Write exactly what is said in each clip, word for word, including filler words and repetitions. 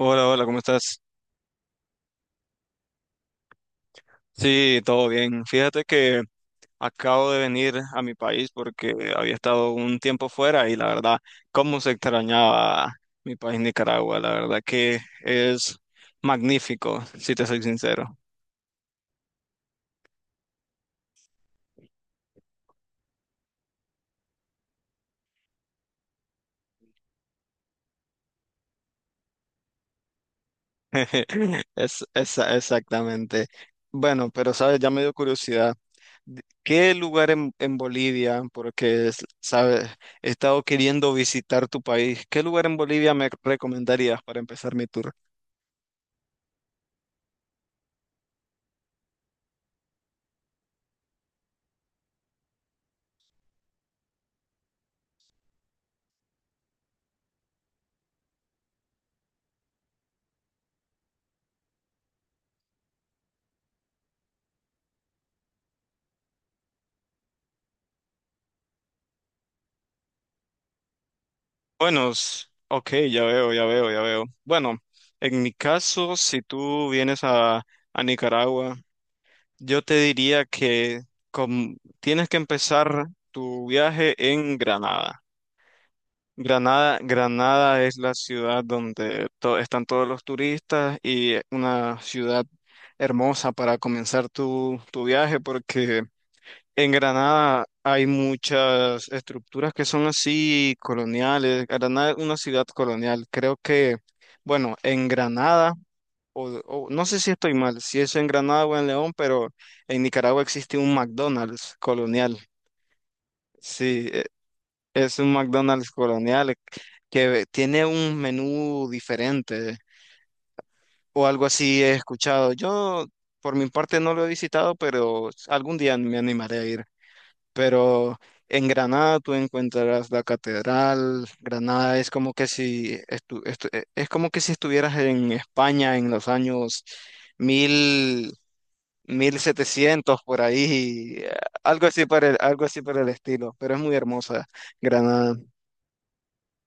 Hola, hola, ¿cómo estás? Sí, todo bien. Fíjate que acabo de venir a mi país porque había estado un tiempo fuera y la verdad, cómo se extrañaba mi país Nicaragua. La verdad que es magnífico, si te soy sincero. Es, es- exactamente. Bueno, pero sabes, ya me dio curiosidad. D- ¿Qué lugar en, en Bolivia? Porque, es- sabes, he estado queriendo visitar tu país. ¿Qué lugar en Bolivia me recomendarías para empezar mi tour? Buenos, s- ok, ya veo, ya veo, ya veo. Bueno, en mi caso, si tú vienes a, a Nicaragua, yo te diría que com- tienes que empezar tu viaje en Granada. Granada, Granada es la ciudad donde to- están todos los turistas y una ciudad hermosa para comenzar tu, tu viaje porque en Granada hay muchas estructuras que son así coloniales. Granada es una ciudad colonial. Creo que, bueno, en Granada, o, o- no sé si estoy mal, si es en Granada o en León, pero en Nicaragua existe un McDonald's colonial. Sí, e- es un McDonald's colonial que tiene un menú diferente o algo así he escuchado. Yo, por mi parte, no lo he visitado, pero algún día me animaré a ir. Pero en Granada tú encontrarás la catedral. Granada es como que si estu- estu- eh, es como que si estuvieras en España en los años mil mil setecientos por ahí, eh, algo así para el, algo así para el estilo, pero es muy hermosa Granada.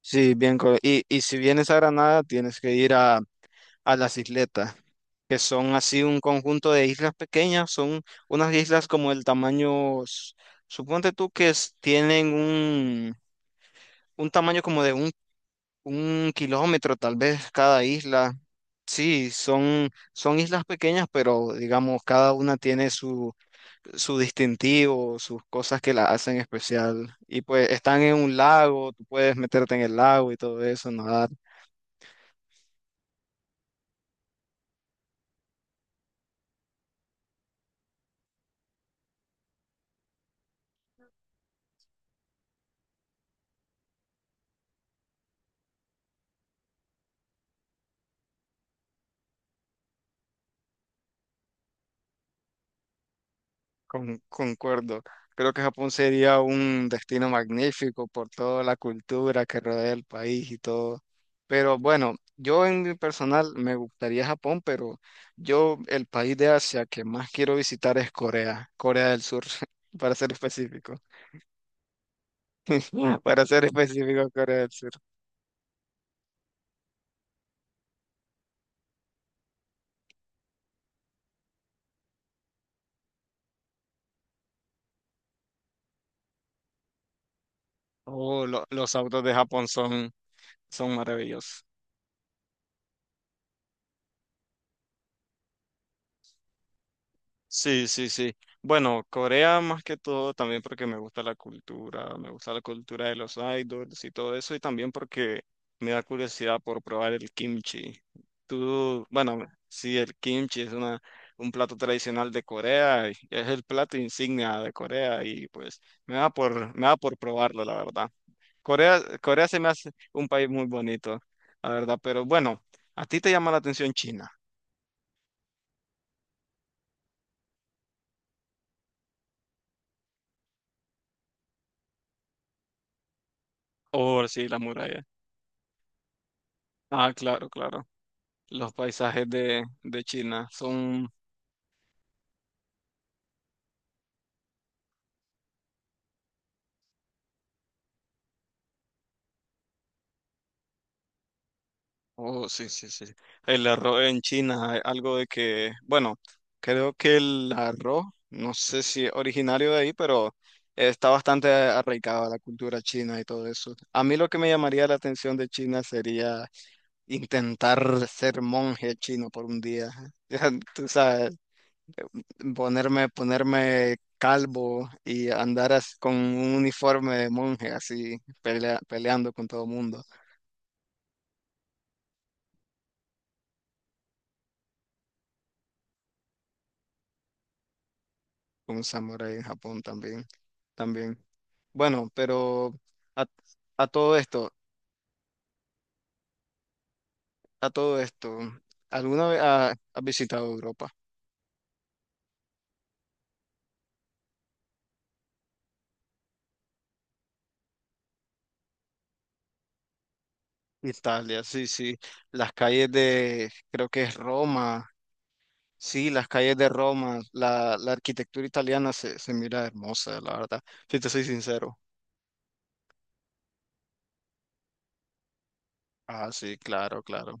Sí, bien, co- y, y si vienes a Granada tienes que ir a a las isletas, que son así un conjunto de islas pequeñas, son unas islas como el tamaño, s- suponte tú que es- tienen un, un tamaño como de un, un kilómetro tal vez cada isla. Sí, son, son islas pequeñas, pero digamos, cada una tiene su, su distintivo, sus cosas que la hacen especial. Y pues están en un lago, tú puedes meterte en el lago y todo eso, nadar. Con- concuerdo. Creo que Japón sería un destino magnífico por toda la cultura que rodea el país y todo. Pero bueno, yo en mi personal me gustaría Japón, pero yo el país de Asia que más quiero visitar es Corea, Corea del Sur, para ser específico. Para ser específico, Corea del Sur. Oh, lo- los autos de Japón son, son maravillosos. Sí, sí, sí. Bueno, Corea más que todo también porque me gusta la cultura, me gusta la cultura de los idols y todo eso, y también porque me da curiosidad por probar el kimchi. Tú, bueno, sí, el kimchi es una, un plato tradicional de Corea, y es el plato insignia de Corea y pues me da por, me da por probarlo, la verdad. Corea, Corea se me hace un país muy bonito, la verdad, pero bueno, ¿a ti te llama la atención China? Oh, sí, la muralla. Ah, claro, claro. Los paisajes de, de China son, oh, sí, sí, sí. El arroz en China, hay algo de que, bueno, creo que el arroz, no sé si es originario de ahí, pero está bastante arraigado a la cultura china y todo eso. A mí lo que me llamaría la atención de China sería intentar ser monje chino por un día. Ya, tú sabes, ponerme, ponerme calvo y andar as- con un uniforme de monje así, pelea- peleando con todo mundo. Un samurái en Japón también, también. Bueno, pero a, a todo esto, a todo esto, ¿alguna vez ha- has visitado Europa? Italia, sí, sí. Las calles de, creo que es Roma, sí, las calles de Roma, la, la arquitectura italiana se, se mira hermosa, la verdad, si te soy sincero. Ah, sí, claro, claro.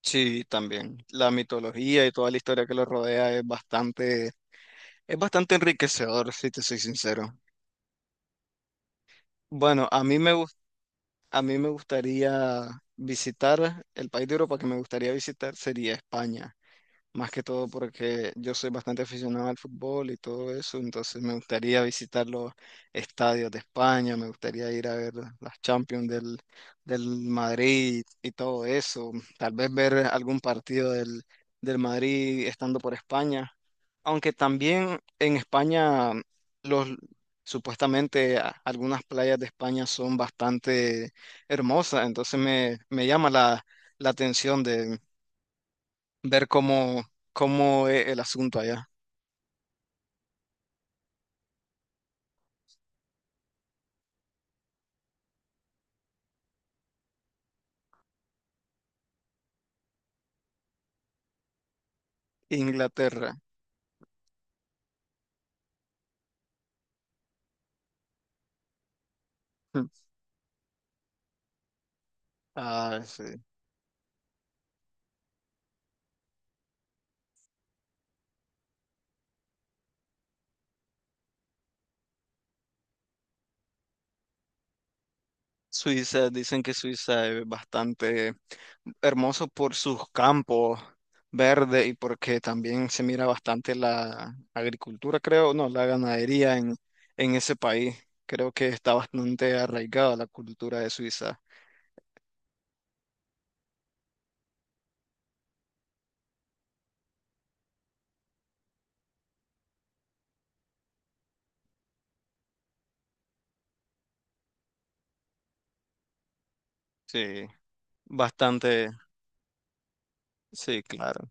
Sí, también. La mitología y toda la historia que lo rodea es bastante, es bastante enriquecedor, si te soy sincero. Bueno, a mí me gusta. A mí me gustaría visitar, el país de Europa que me gustaría visitar sería España. Más que todo porque yo soy bastante aficionado al fútbol y todo eso, entonces me gustaría visitar los estadios de España, me gustaría ir a ver las Champions del, del Madrid y todo eso, tal vez ver algún partido del, del Madrid estando por España, aunque también en España los... supuestamente a- algunas playas de España son bastante hermosas, entonces me, me llama la, la atención ver cómo, cómo es el asunto allá. Inglaterra. Mm. Ah, sí. Suiza, dicen que Suiza es bastante hermoso por sus campos verdes y porque también se mira bastante la agricultura, creo, no, la ganadería en, en ese país. Creo que está bastante arraigada la cultura de Suiza. Sí, bastante, sí, claro,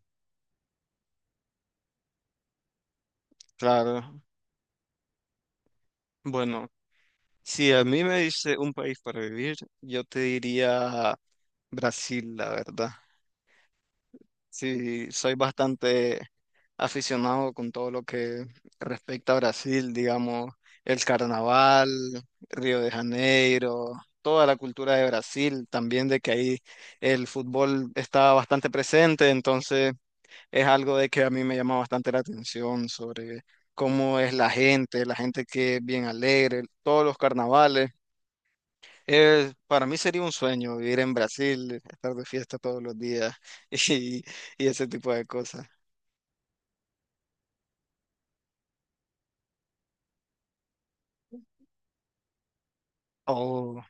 claro. Bueno. Si a mí me dice un país para vivir, yo te diría Brasil, la verdad. Sí, soy bastante aficionado con todo lo que respecta a Brasil, digamos, el carnaval, Río de Janeiro, toda la cultura de Brasil, también de que ahí el fútbol está bastante presente, entonces es algo de que a mí me llama bastante la atención sobre cómo es la gente, la gente que es bien alegre, todos los carnavales. Eh, para mí sería un sueño vivir en Brasil, estar de fiesta todos los días y, y ese tipo de cosas. Oh,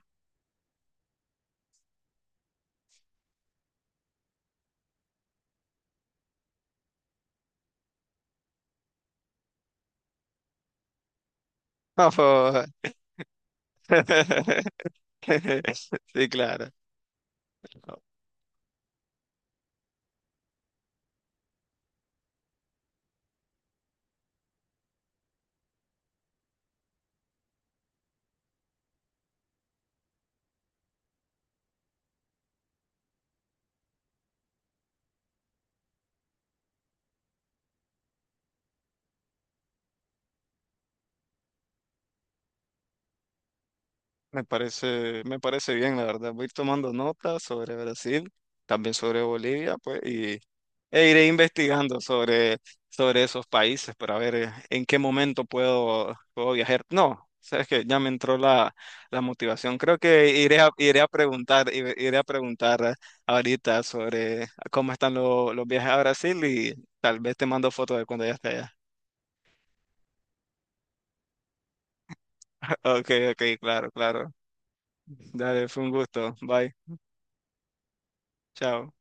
sí, claro. Me parece, me parece bien, la verdad. Voy a ir tomando notas sobre Brasil, también sobre Bolivia, pues, e iré investigando sobre, sobre esos países para ver eh, en qué momento puedo, puedo viajar. No, sabes que ya me entró la, la motivación. Creo que iré a, iré a preguntar, iré iré a preguntar eh, ahorita sobre cómo están lo- los viajes a Brasil y tal vez te mando fotos de cuando ya esté allá. Ok, ok, claro, claro. Dale, fue un gusto. Bye. Chao.